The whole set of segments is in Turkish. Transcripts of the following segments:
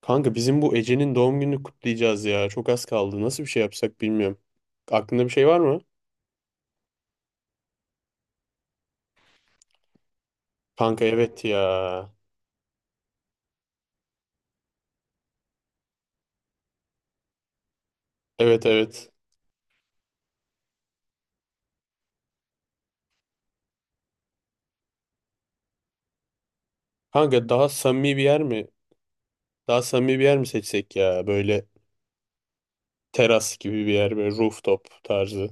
Kanka bizim bu Ece'nin doğum gününü kutlayacağız ya. Çok az kaldı. Nasıl bir şey yapsak bilmiyorum. Aklında bir şey var mı? Kanka evet ya. Evet, evet. Kanka daha samimi bir yer mi? Daha samimi bir yer mi seçsek ya? Böyle teras gibi bir yer. Böyle rooftop tarzı.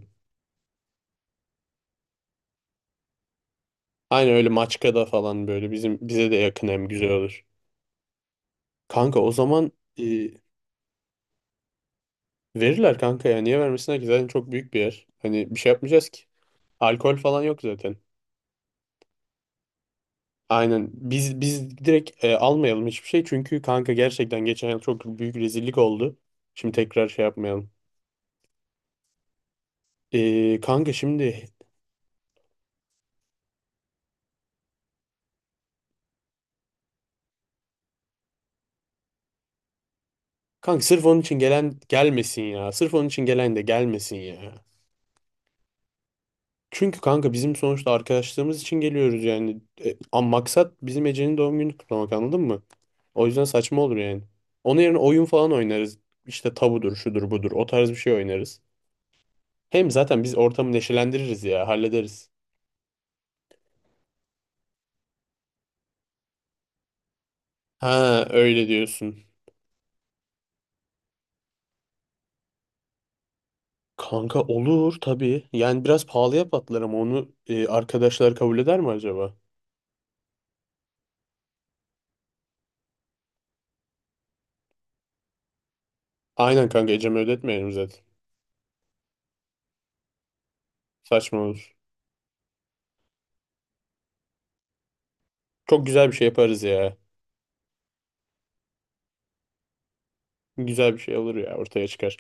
Aynen öyle Maçka'da falan böyle. Bizim bize de yakın hem güzel olur. Kanka o zaman e, verirler kanka ya. Niye vermesinler ki? Zaten çok büyük bir yer. Hani bir şey yapmayacağız ki. Alkol falan yok zaten. Aynen. Biz direkt almayalım hiçbir şey. Çünkü kanka gerçekten geçen yıl çok büyük rezillik oldu. Şimdi tekrar şey yapmayalım. Kanka şimdi kanka sırf onun için gelen gelmesin ya. Sırf onun için gelen de gelmesin ya. Çünkü kanka bizim sonuçta arkadaşlığımız için geliyoruz yani. Ama maksat bizim Ece'nin doğum gününü kutlamak anladın mı? O yüzden saçma olur yani. Onun yerine oyun falan oynarız. İşte tabudur, şudur, budur. O tarz bir şey oynarız. Hem zaten biz ortamı neşelendiririz ya, hallederiz. Ha, öyle diyorsun. Kanka olur tabii. Yani biraz pahalıya patlar ama onu arkadaşlar kabul eder mi acaba? Aynen kanka, Ecem'e ödetmeyelim zaten. Saçma olur. Çok güzel bir şey yaparız ya. Güzel bir şey olur ya, ortaya çıkar.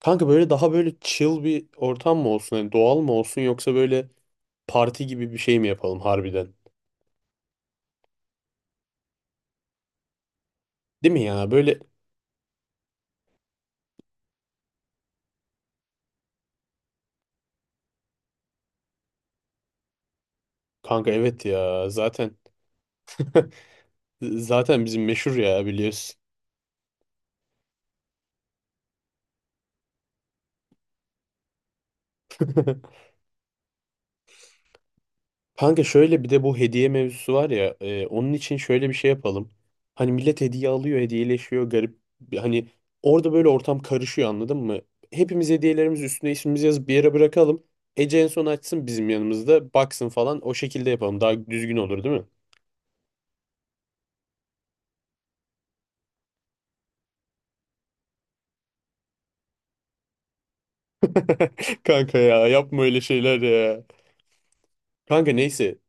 Kanka böyle daha böyle chill bir ortam mı olsun? Hani doğal mı olsun yoksa böyle parti gibi bir şey mi yapalım harbiden? Değil mi ya? Böyle kanka evet ya, zaten bizim meşhur ya, biliyorsun. Kanka şöyle bir de bu hediye mevzusu var ya, onun için şöyle bir şey yapalım. Hani millet hediye alıyor, hediyeleşiyor garip. Hani orada böyle ortam karışıyor anladın mı? Hepimiz hediyelerimiz üstüne ismimizi yazıp bir yere bırakalım. Ece en son açsın, bizim yanımızda baksın falan, o şekilde yapalım. Daha düzgün olur, değil mi? Kanka ya, yapma öyle şeyler ya. Kanka neyse.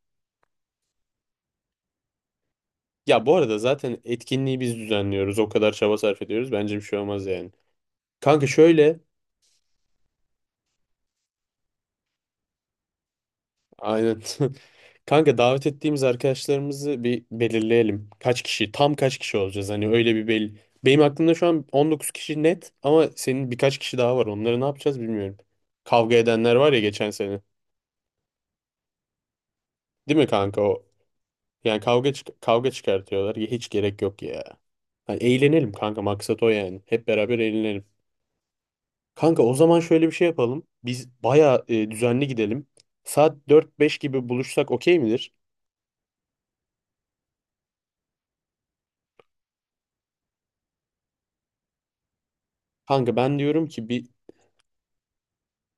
Ya bu arada zaten etkinliği biz düzenliyoruz. O kadar çaba sarf ediyoruz. Bence bir şey olmaz yani. Kanka şöyle. Aynen. Kanka davet ettiğimiz arkadaşlarımızı bir belirleyelim. Kaç kişi, tam kaç kişi olacağız? Hani öyle bir belli. Benim aklımda şu an 19 kişi net, ama senin birkaç kişi daha var. Onları ne yapacağız bilmiyorum. Kavga edenler var ya geçen sene. Değil mi kanka o? Yani kavga çıkartıyorlar. Ya hiç gerek yok ya. Hani eğlenelim kanka, maksat o yani. Hep beraber eğlenelim. Kanka o zaman şöyle bir şey yapalım. Biz bayağı düzenli gidelim. Saat dört beş gibi buluşsak okey midir? Kanka ben diyorum ki bir.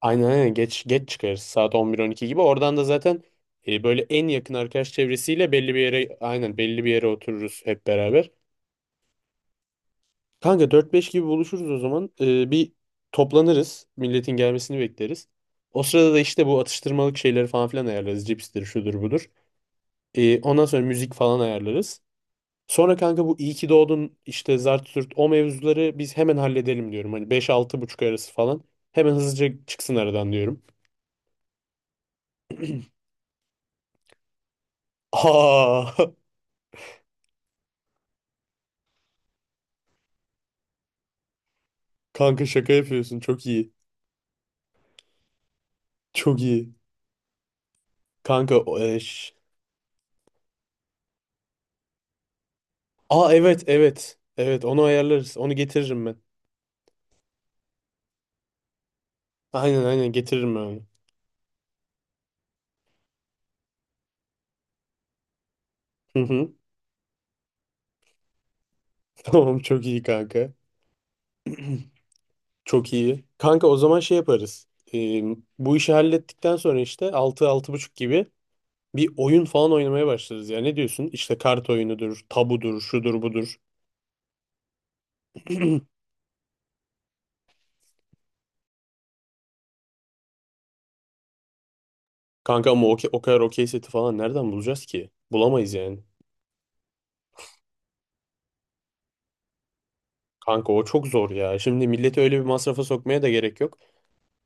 Aynen, aynen, geç geç çıkarız saat 11-12 gibi. Oradan da zaten böyle en yakın arkadaş çevresiyle belli bir yere aynen belli bir yere otururuz hep beraber. Kanka 4-5 gibi buluşuruz o zaman. Bir toplanırız. Milletin gelmesini bekleriz. O sırada da işte bu atıştırmalık şeyleri falan filan ayarlarız. Cipstir, şudur budur. Ondan sonra müzik falan ayarlarız. Sonra kanka bu iyi ki doğdun işte zart zurt o mevzuları biz hemen halledelim diyorum. Hani 5-6 buçuk arası falan. Hemen hızlıca çıksın aradan diyorum. Aa. Kanka şaka yapıyorsun. Çok iyi. Çok iyi. Kanka o eş. Aa, evet evet. Evet, onu ayarlarız. Onu getiririm ben. Aynen, aynen, getiririm ben onu. Hı hı. Tamam, çok iyi kanka. Çok iyi. Kanka o zaman şey yaparız. Ee, bu işi hallettikten sonra işte altı altı buçuk gibi bir oyun falan oynamaya başlarız ya. Ne diyorsun? İşte kart oyunudur, tabudur, şudur budur. Kanka ama o kadar okey seti falan nereden bulacağız ki? Bulamayız yani. Kanka o çok zor ya. Şimdi milleti öyle bir masrafa sokmaya da gerek yok.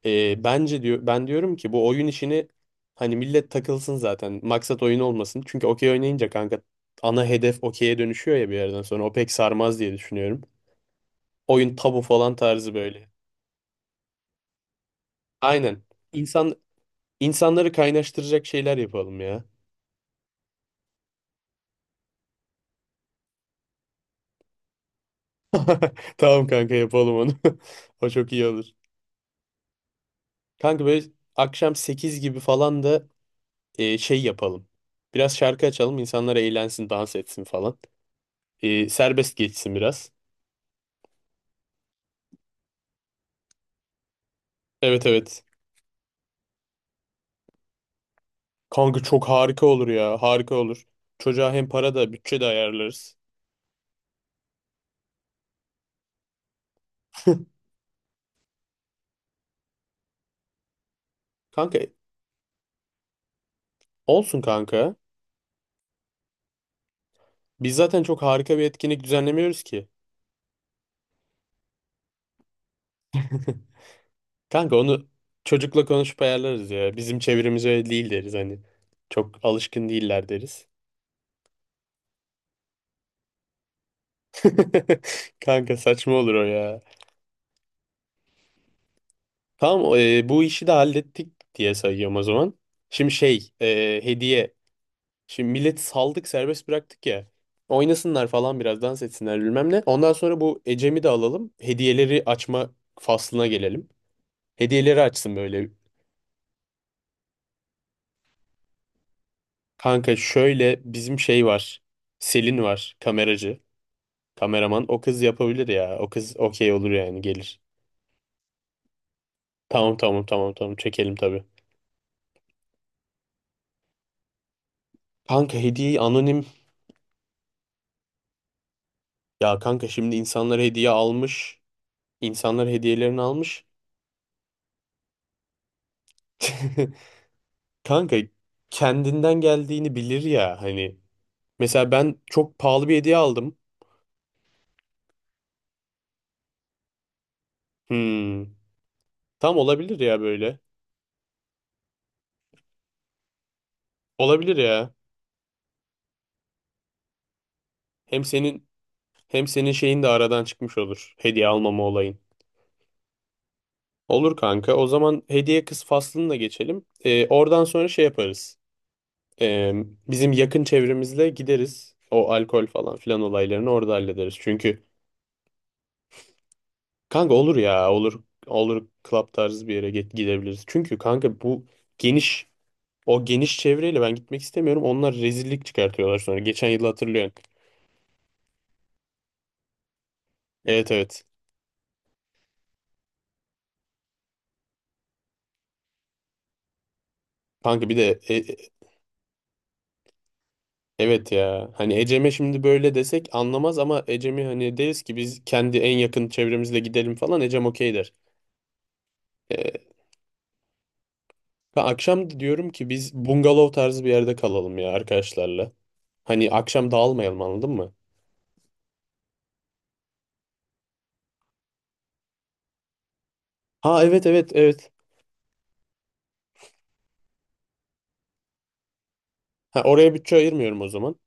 Bence diyor, ben diyorum ki bu oyun işini hani millet takılsın zaten. Maksat oyun olmasın. Çünkü okey oynayınca kanka ana hedef okey'e dönüşüyor ya bir yerden sonra. O pek sarmaz diye düşünüyorum. Oyun tabu falan tarzı böyle. Aynen. İnsan insanları kaynaştıracak şeyler yapalım ya. Tamam kanka, yapalım onu. O çok iyi olur. Kanka böyle akşam 8 gibi falan da şey yapalım. Biraz şarkı açalım, insanlar eğlensin, dans etsin falan. Serbest geçsin biraz. Evet, evet. Kanka çok harika olur ya, harika olur. Çocuğa hem para da bütçe de ayarlarız. Kanka olsun kanka. Biz zaten çok harika bir etkinlik düzenlemiyoruz ki. Kanka onu çocukla konuşup ayarlarız ya. Bizim çevremiz öyle değil deriz hani. Çok alışkın değiller deriz. Kanka saçma olur o ya. Tamam, bu işi de hallettik diye sayıyorum o zaman. Şimdi şey, hediye. Şimdi milleti saldık, serbest bıraktık ya. Oynasınlar falan, biraz dans etsinler bilmem ne. Ondan sonra bu Ecem'i de alalım. Hediyeleri açma faslına gelelim. Hediyeleri açsın böyle. Kanka şöyle bizim şey var. Selin var, kameracı. Kameraman o kız yapabilir ya. O kız okey olur yani, gelir. Tamam, tamam, tamam, tamam, çekelim tabii. Kanka hediyeyi anonim. Ya kanka, şimdi insanlar hediye almış. İnsanlar hediyelerini almış. Kanka kendinden geldiğini bilir ya hani. Mesela ben çok pahalı bir hediye aldım. Hmm, tam olabilir ya böyle. Olabilir ya. Hem senin hem senin şeyin de aradan çıkmış olur. Hediye almama olayın. Olur kanka. O zaman hediye kız faslını da geçelim. Oradan sonra şey yaparız. Ee, bizim yakın çevremizle gideriz. O alkol falan filan olaylarını orada hallederiz. Çünkü kanka olur ya, olur, olur club tarzı bir yere gidebiliriz. Çünkü kanka bu geniş o geniş çevreyle ben gitmek istemiyorum. Onlar rezillik çıkartıyorlar sonra. Geçen yıl hatırlıyorsun. Evet, evet. Kanka bir de evet ya. Hani Ecem'e şimdi böyle desek anlamaz, ama Ecem'i hani deriz ki biz kendi en yakın çevremizle gidelim falan, Ecem okey der. E, ben akşam diyorum ki biz bungalov tarzı bir yerde kalalım ya, arkadaşlarla. Hani akşam dağılmayalım, anladın mı? Ha evet, evet, evet. Ha, oraya bütçe ayırmıyorum o zaman.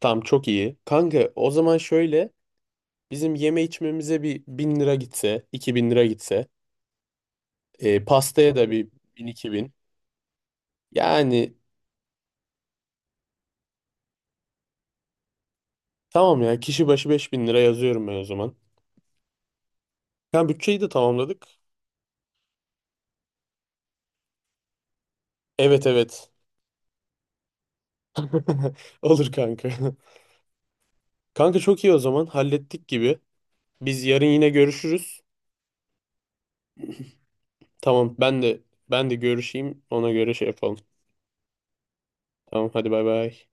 Tam çok iyi. Kanka o zaman şöyle, bizim yeme içmemize bir 1.000 lira gitse, 2.000 lira gitse, pastaya da bir 1.000 2.000. Yani tamam ya, kişi başı 5.000 lira yazıyorum ben o zaman. Kanka bütçeyi de tamamladık. Evet, evet. Olur kanka. Kanka çok iyi, o zaman hallettik gibi. Biz yarın yine görüşürüz. Tamam, ben de ben de görüşeyim, ona göre şey yapalım. Tamam, hadi bay bay.